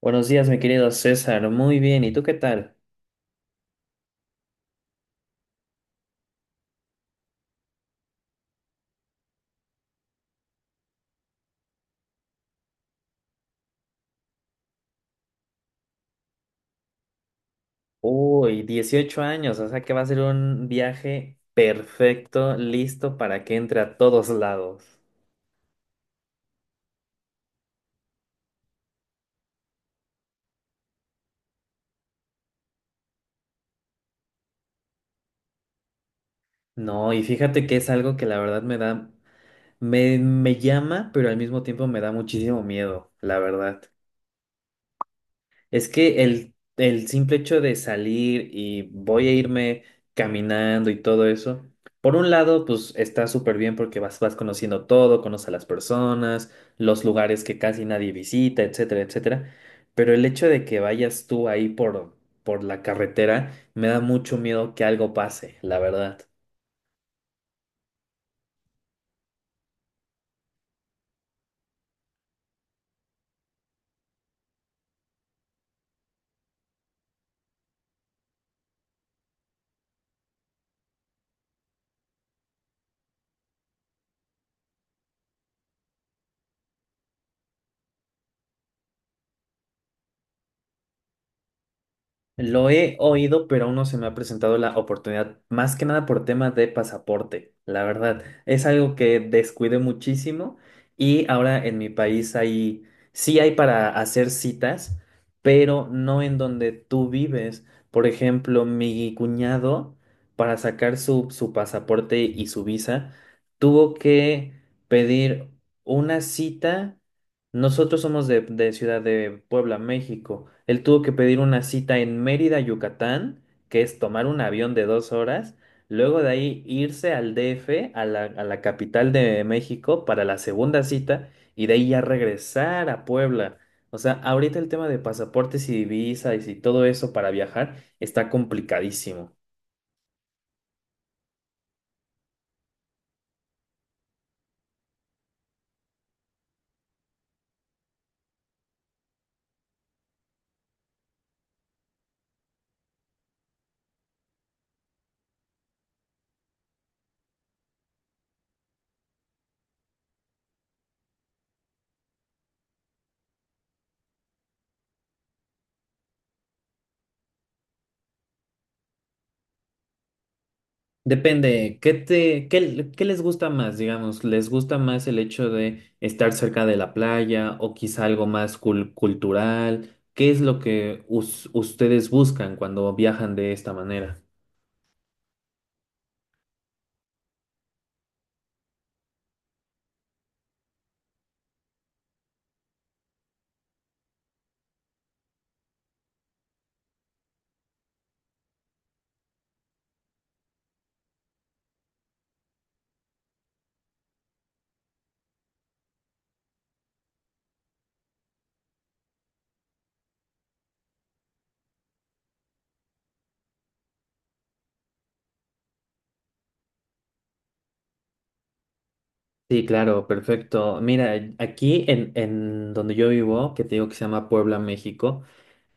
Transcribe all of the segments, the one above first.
Buenos días, mi querido César. Muy bien, ¿y tú qué tal? Uy, 18 años, o sea que va a ser un viaje perfecto, listo para que entre a todos lados. No, y fíjate que es algo que la verdad me da, me llama, pero al mismo tiempo me da muchísimo miedo, la verdad. Es que el simple hecho de salir y voy a irme caminando y todo eso, por un lado, pues está súper bien porque vas conociendo todo, conoces a las personas, los lugares que casi nadie visita, etcétera, etcétera. Pero el hecho de que vayas tú ahí por la carretera, me da mucho miedo que algo pase, la verdad. Lo he oído, pero aún no se me ha presentado la oportunidad, más que nada por temas de pasaporte, la verdad. Es algo que descuidé muchísimo y ahora en mi país sí hay para hacer citas, pero no en donde tú vives. Por ejemplo, mi cuñado, para sacar su pasaporte y su visa, tuvo que pedir una cita. Nosotros somos de Ciudad de Puebla, México. Él tuvo que pedir una cita en Mérida, Yucatán, que es tomar un avión de 2 horas, luego de ahí irse al DF, a la capital de México, para la segunda cita, y de ahí ya regresar a Puebla. O sea, ahorita el tema de pasaportes y visas y si todo eso para viajar está complicadísimo. Depende, ¿qué te, qué les gusta más, digamos? ¿Les gusta más el hecho de estar cerca de la playa o quizá algo más cultural? ¿Qué es lo que ustedes buscan cuando viajan de esta manera? Sí, claro, perfecto. Mira, aquí en donde yo vivo, que te digo que se llama Puebla, México.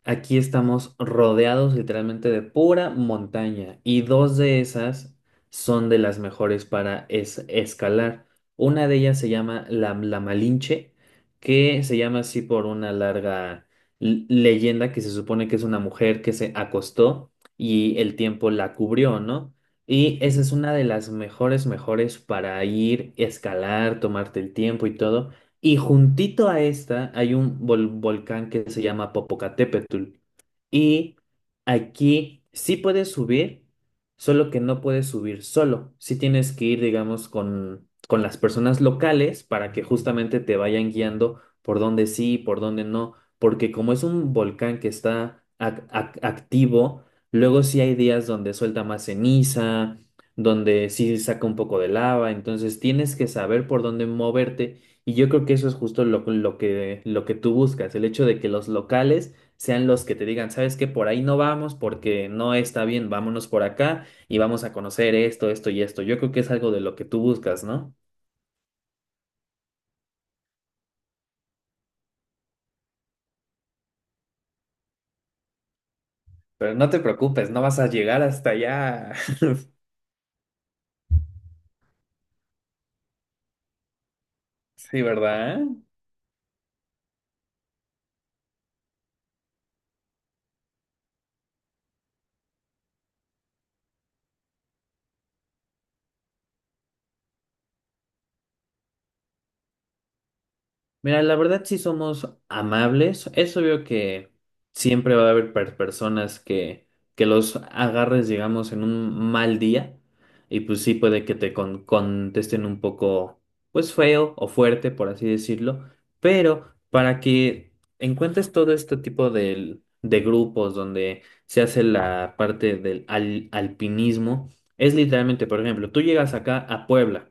Aquí estamos rodeados literalmente de pura montaña y dos de esas son de las mejores para escalar. Una de ellas se llama la Malinche, que se llama así por una larga leyenda que se supone que es una mujer que se acostó y el tiempo la cubrió, ¿no? Y esa es una de las mejores, mejores para ir, escalar, tomarte el tiempo y todo. Y juntito a esta hay un volcán que se llama Popocatépetl. Y aquí sí puedes subir, solo que no puedes subir solo. Sí tienes que ir, digamos, con las personas locales para que justamente te vayan guiando por dónde sí, y por dónde no. Porque como es un volcán que está activo, luego sí hay días donde suelta más ceniza, donde sí saca un poco de lava. Entonces tienes que saber por dónde moverte. Y yo creo que eso es justo lo que tú buscas, el hecho de que los locales sean los que te digan, ¿sabes qué? Por ahí no vamos porque no está bien, vámonos por acá y vamos a conocer esto, esto y esto. Yo creo que es algo de lo que tú buscas, ¿no? Pero no te preocupes, no vas a llegar hasta allá. Sí, ¿verdad? Mira, la verdad sí somos amables. Es obvio que siempre va a haber personas que los agarres, digamos, en un mal día. Y pues sí puede que te contesten un poco, pues feo o fuerte, por así decirlo. Pero para que encuentres todo este tipo de grupos donde se hace la parte del alpinismo, es literalmente, por ejemplo, tú llegas acá a Puebla.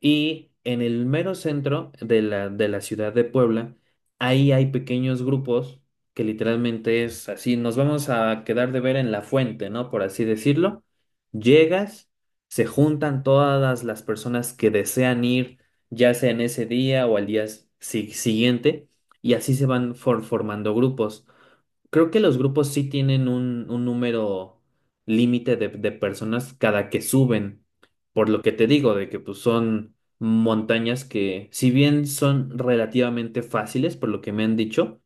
Y en el mero centro de de la ciudad de Puebla, ahí hay pequeños grupos que literalmente es así, nos vamos a quedar de ver en la fuente, ¿no? Por así decirlo. Llegas, se juntan todas las personas que desean ir, ya sea en ese día o al día siguiente, y así se van formando grupos. Creo que los grupos sí tienen un número límite de personas cada que suben, por lo que te digo, de que pues, son montañas que, si bien son relativamente fáciles, por lo que me han dicho,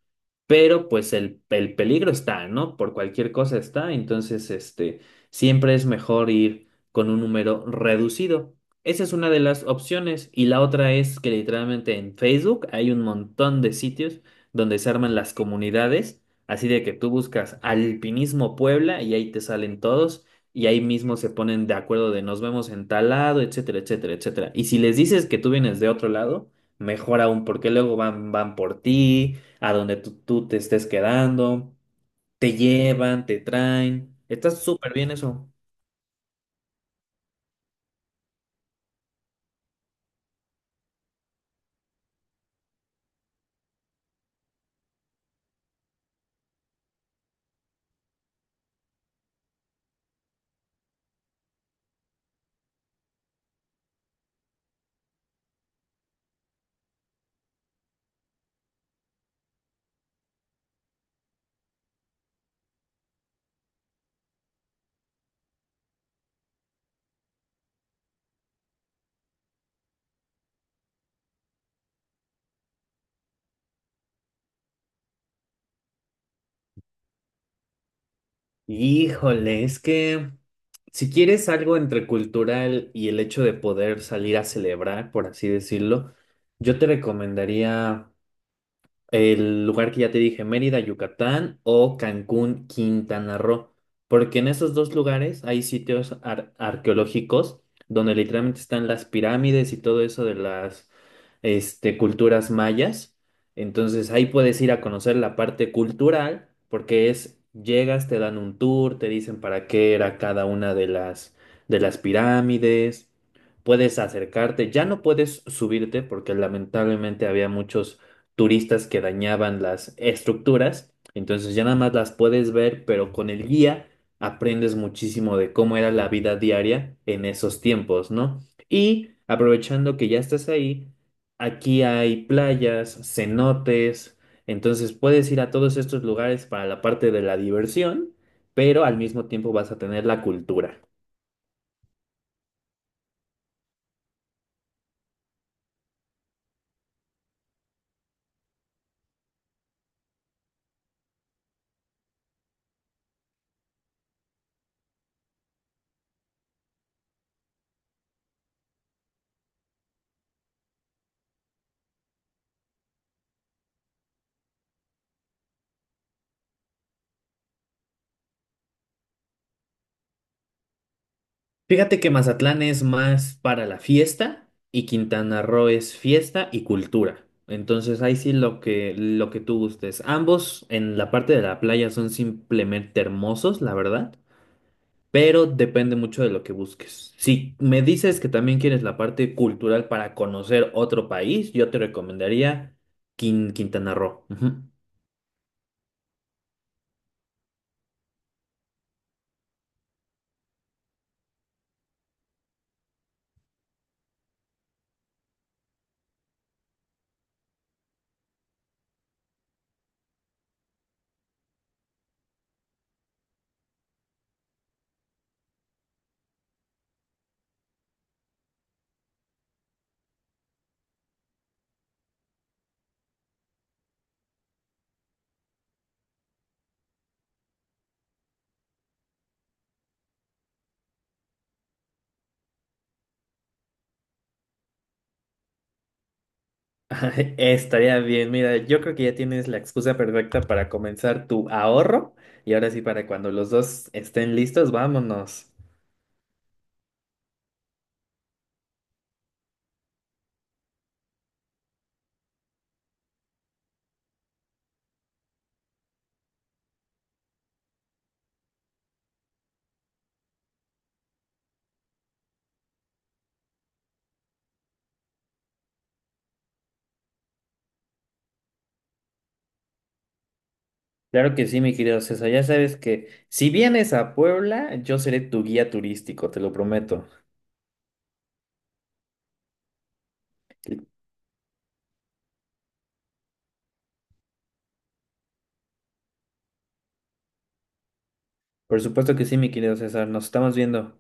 pero pues el peligro está, ¿no? Por cualquier cosa está, entonces este, siempre es mejor ir con un número reducido. Esa es una de las opciones y la otra es que literalmente en Facebook hay un montón de sitios donde se arman las comunidades. Así de que tú buscas Alpinismo Puebla y ahí te salen todos y ahí mismo se ponen de acuerdo de nos vemos en tal lado, etcétera, etcétera, etcétera. Y si les dices que tú vienes de otro lado, mejor aún porque luego van por ti, a donde tú te estés quedando, te llevan, te traen. Está súper bien eso. Híjole, es que si quieres algo entre cultural y el hecho de poder salir a celebrar, por así decirlo, yo te recomendaría... el lugar que ya te dije, Mérida, Yucatán o Cancún, Quintana Roo. Porque en esos dos lugares hay sitios arqueológicos donde literalmente están las pirámides y todo eso de las este, culturas mayas. Entonces ahí puedes ir a conocer la parte cultural porque es, llegas, te dan un tour, te dicen para qué era cada una de de las pirámides. Puedes acercarte, ya no puedes subirte porque lamentablemente había muchos turistas que dañaban las estructuras. Entonces ya nada más las puedes ver, pero con el guía aprendes muchísimo de cómo era la vida diaria en esos tiempos, ¿no? Y aprovechando que ya estás ahí, aquí hay playas, cenotes, entonces puedes ir a todos estos lugares para la parte de la diversión, pero al mismo tiempo vas a tener la cultura. Fíjate que Mazatlán es más para la fiesta y Quintana Roo es fiesta y cultura. Entonces ahí sí lo que tú gustes. Ambos en la parte de la playa son simplemente hermosos, la verdad, pero depende mucho de lo que busques. Si me dices que también quieres la parte cultural para conocer otro país, yo te recomendaría Quintana Roo. Ujú. Estaría bien, mira, yo creo que ya tienes la excusa perfecta para comenzar tu ahorro y ahora sí para cuando los dos estén listos, vámonos. Claro que sí, mi querido César. Ya sabes que si vienes a Puebla, yo seré tu guía turístico, te lo prometo. Por supuesto que sí, mi querido César. Nos estamos viendo.